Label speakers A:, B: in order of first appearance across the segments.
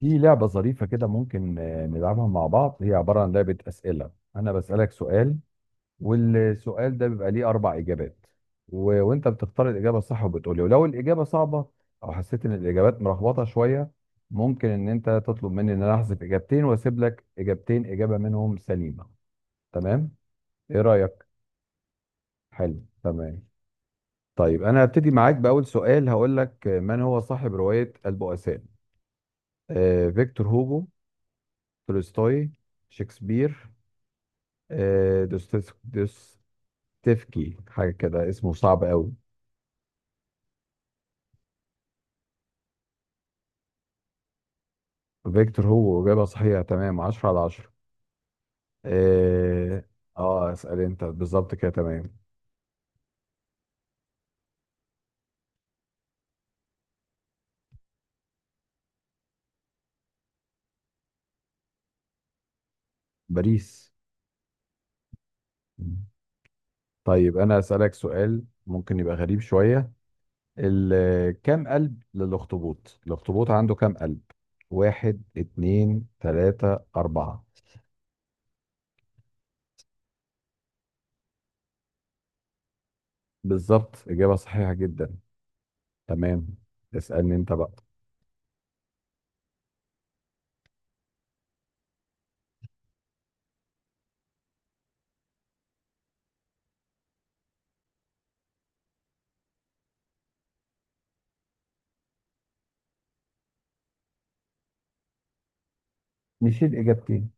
A: في لعبة ظريفة كده ممكن نلعبها مع بعض. هي عبارة عن لعبة أسئلة. أنا بسألك سؤال، والسؤال ده بيبقى ليه أربع إجابات. و... وأنت بتختار الإجابة الصح وبتقولي. ولو الإجابة صعبة أو حسيت إن الإجابات مرخبطة شوية، ممكن إن أنت تطلب مني إن أنا أحذف إجابتين وأسيب لك إجابتين، إجابة منهم سليمة. تمام؟ إيه رأيك؟ حلو، تمام. طيب أنا هبتدي معاك بأول سؤال، هقول لك من هو صاحب رواية البؤساء؟ فيكتور هوجو، تولستوي، شكسبير، آه، دوستيف- دوستيفكي، حاجة كده اسمه صعب قوي. فيكتور هو إجابة صحيحة، تمام، عشرة على عشرة. اه، اسأل انت بالظبط كده، تمام. باريس. مم. طيب انا اسألك سؤال ممكن يبقى غريب شوية. كم قلب للأخطبوط؟ الأخطبوط عنده كم قلب؟ واحد، اتنين، تلاتة، أربعة؟ بالظبط، إجابة صحيحة جدا. تمام، اسألني انت بقى. نشيل إجابتين.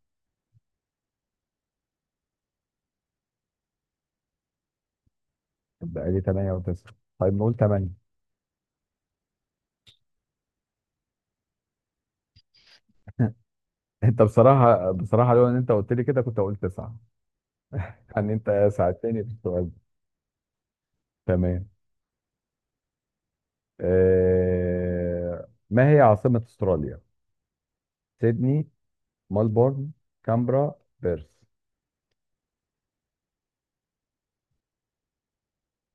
A: بقى لي تمانية وتسعة، طيب نقول تمانية. انت بصراحه، بصراحه لو ان انت قلت لي كده كنت هقول تسعه. يعني انت ساعدتني في السؤال ده. تمام. ما هي عاصمه استراليا؟ سيدني، ملبورن، كامبرا، بيرث؟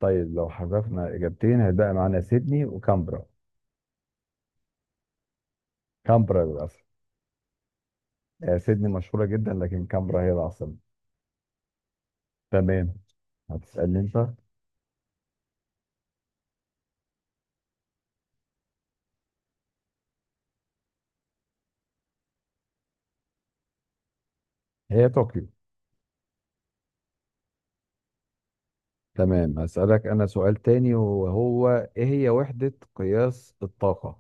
A: طيب لو حذفنا اجابتين هيبقى معانا سيدني وكامبرا. كامبرا، للاسف. آه، سيدني مشهوره جدا لكن كامبرا هي العاصمه. تمام، هتسالني انت. هي طوكيو. تمام، هسالك انا سؤال تاني وهو: ايه هي وحده قياس الطاقه؟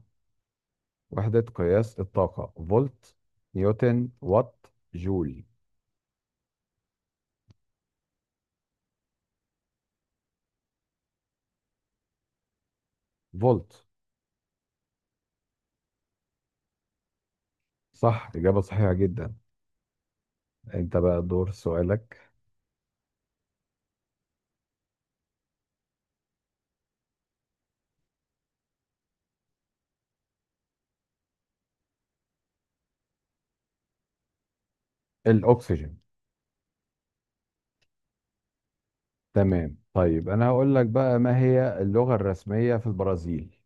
A: وحدة قياس الطاقة: فولت، نيوتن، وات، جول؟ فولت. صح، إجابة صحيحة جدا. أنت بقى دور سؤالك. الأكسجين. تمام، طيب أنا هقول لك بقى، ما هي اللغة الرسمية في البرازيل؟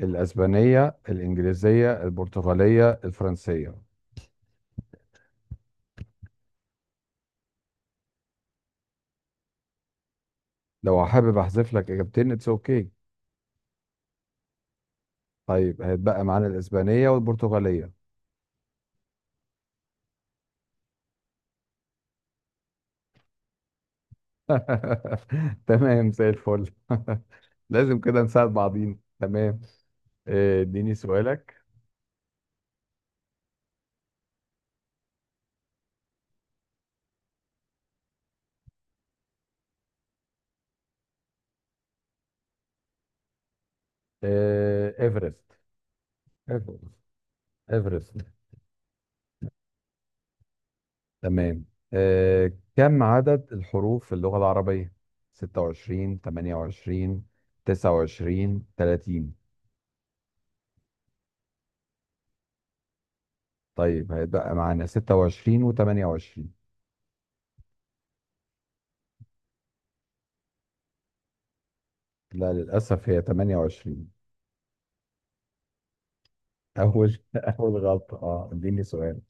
A: الأسبانية، الإنجليزية، البرتغالية، الفرنسية؟ لو حابب أحذف لك إجابتين، اتس أوكي. طيب هيتبقى معانا الإسبانية والبرتغالية. تمام، زي الفل. لازم كده نساعد بعضين، تمام. اديني سؤالك. ايفرست. أيوة. ايفرست. تمام. كم عدد الحروف في اللغة العربية؟ 26، 28، 29، 30؟ طيب هيبقى معانا 26 و28. لا، للأسف هي 28. أول أول غلطة. اه، اديني سؤال.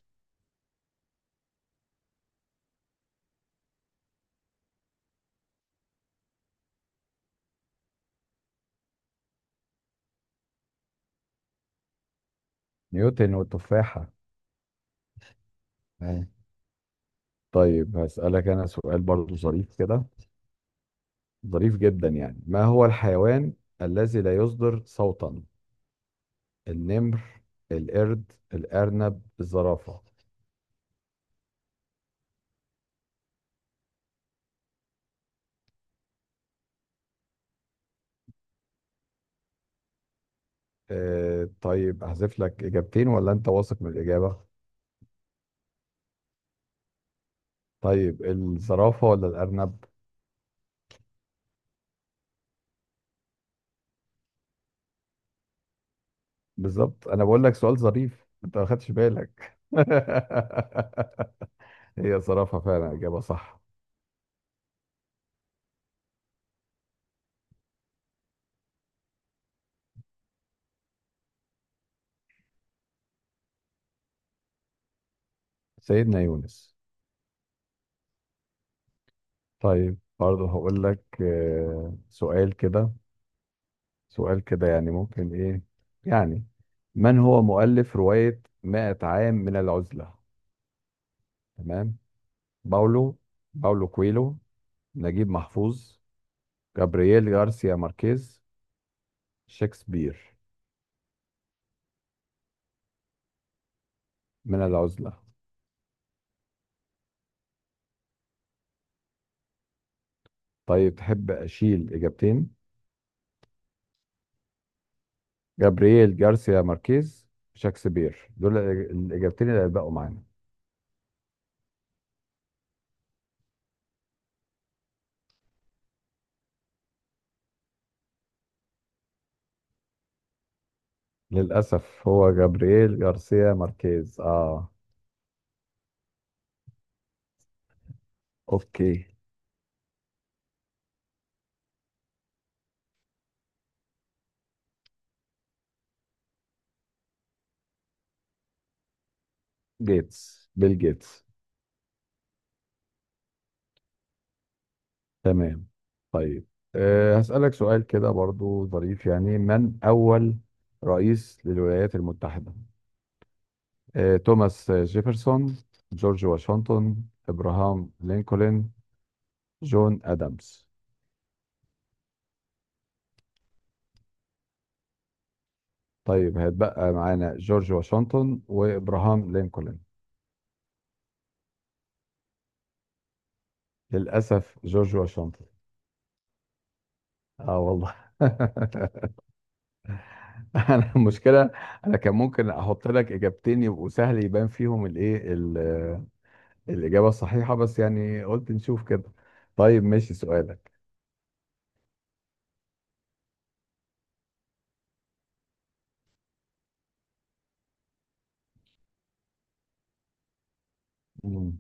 A: نيوتن والتفاحة. آه. طيب هسألك أنا سؤال برضو ظريف كده، ظريف جدا يعني. ما هو الحيوان الذي لا يصدر صوتا؟ النمر، القرد، الأرنب، الزرافة؟ طيب أحذف لك إجابتين ولا أنت واثق من الإجابة؟ طيب الزرافة ولا الأرنب؟ بالظبط. أنا بقول لك سؤال ظريف أنت ما خدتش بالك. هي زرافة فعلا، إجابة صح. سيدنا يونس. طيب برضه هقول لك سؤال كده، سؤال كده، يعني ممكن إيه يعني. من هو مؤلف رواية 100 عام من العزلة؟ تمام؟ باولو باولو كويلو، نجيب محفوظ، جابرييل غارسيا ماركيز، شكسبير؟ من العزلة. طيب تحب أشيل إجابتين؟ جابرييل غارسيا ماركيز، شكسبير، دول الإجابتين اللي هيبقوا معانا. للأسف هو جابرييل غارسيا ماركيز. أوكي. بيل جيتس. تمام، طيب هسألك سؤال كده برضو ظريف يعني. من أول رئيس للولايات المتحدة؟ توماس جيفرسون، جورج واشنطن، ابراهام لينكولن، جون ادمز؟ طيب هيتبقى معانا جورج واشنطن وابراهام لينكولن. للاسف جورج واشنطن. اه والله. انا المشكله، انا كان ممكن احط لك اجابتين يبقوا سهل، يبان فيهم الاجابه الصحيحه، بس يعني قلت نشوف كده. طيب ماشي، سؤالك. مم.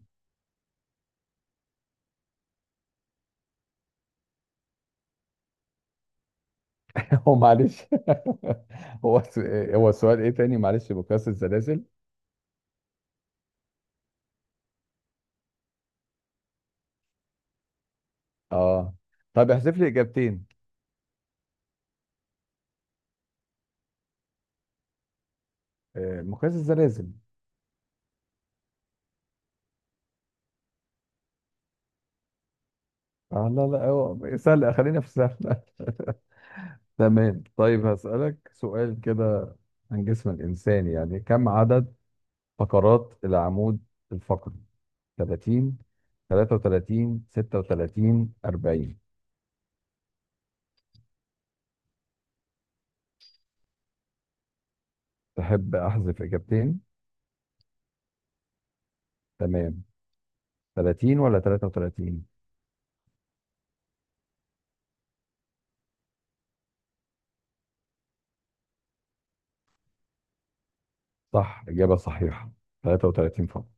A: هو معلش، هو س- هو السؤال ايه تاني، معلش بكاسة السلاسل. اه. طب احذف لي اجابتين. مقياس الزلازل. اه، لا لا، هو سهل، خلينا في سهل. تمام، طيب هسألك سؤال كده عن جسم الإنسان يعني. كم عدد فقرات العمود الفقري؟ 30، 33، 36، 40؟ تحب أحذف إجابتين؟ تمام، 30 ولا 33؟ صح، إجابة صحيحة، 33 فقرة.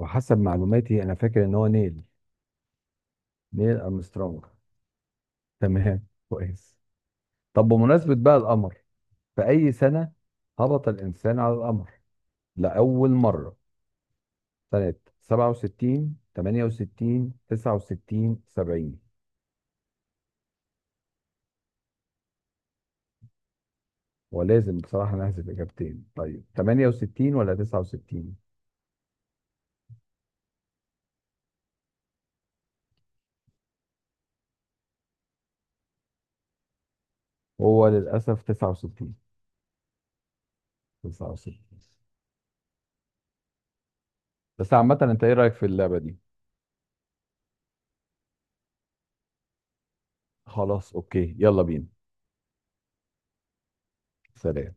A: وحسب معلوماتي أنا فاكر إن هو نيل. نيل أرمسترونج. تمام، كويس. طب بمناسبة بقى القمر، في أي سنة هبط الإنسان على القمر لأول مرة؟ سنة 67، 68، 69، 70؟ ولازم بصراحة نحذف إجابتين. طيب 68 ولا 69؟ هو للأسف 69. 69. بس عامة أنت إيه رأيك في اللعبة دي؟ خلاص، أوكي، يلا بينا. سلام.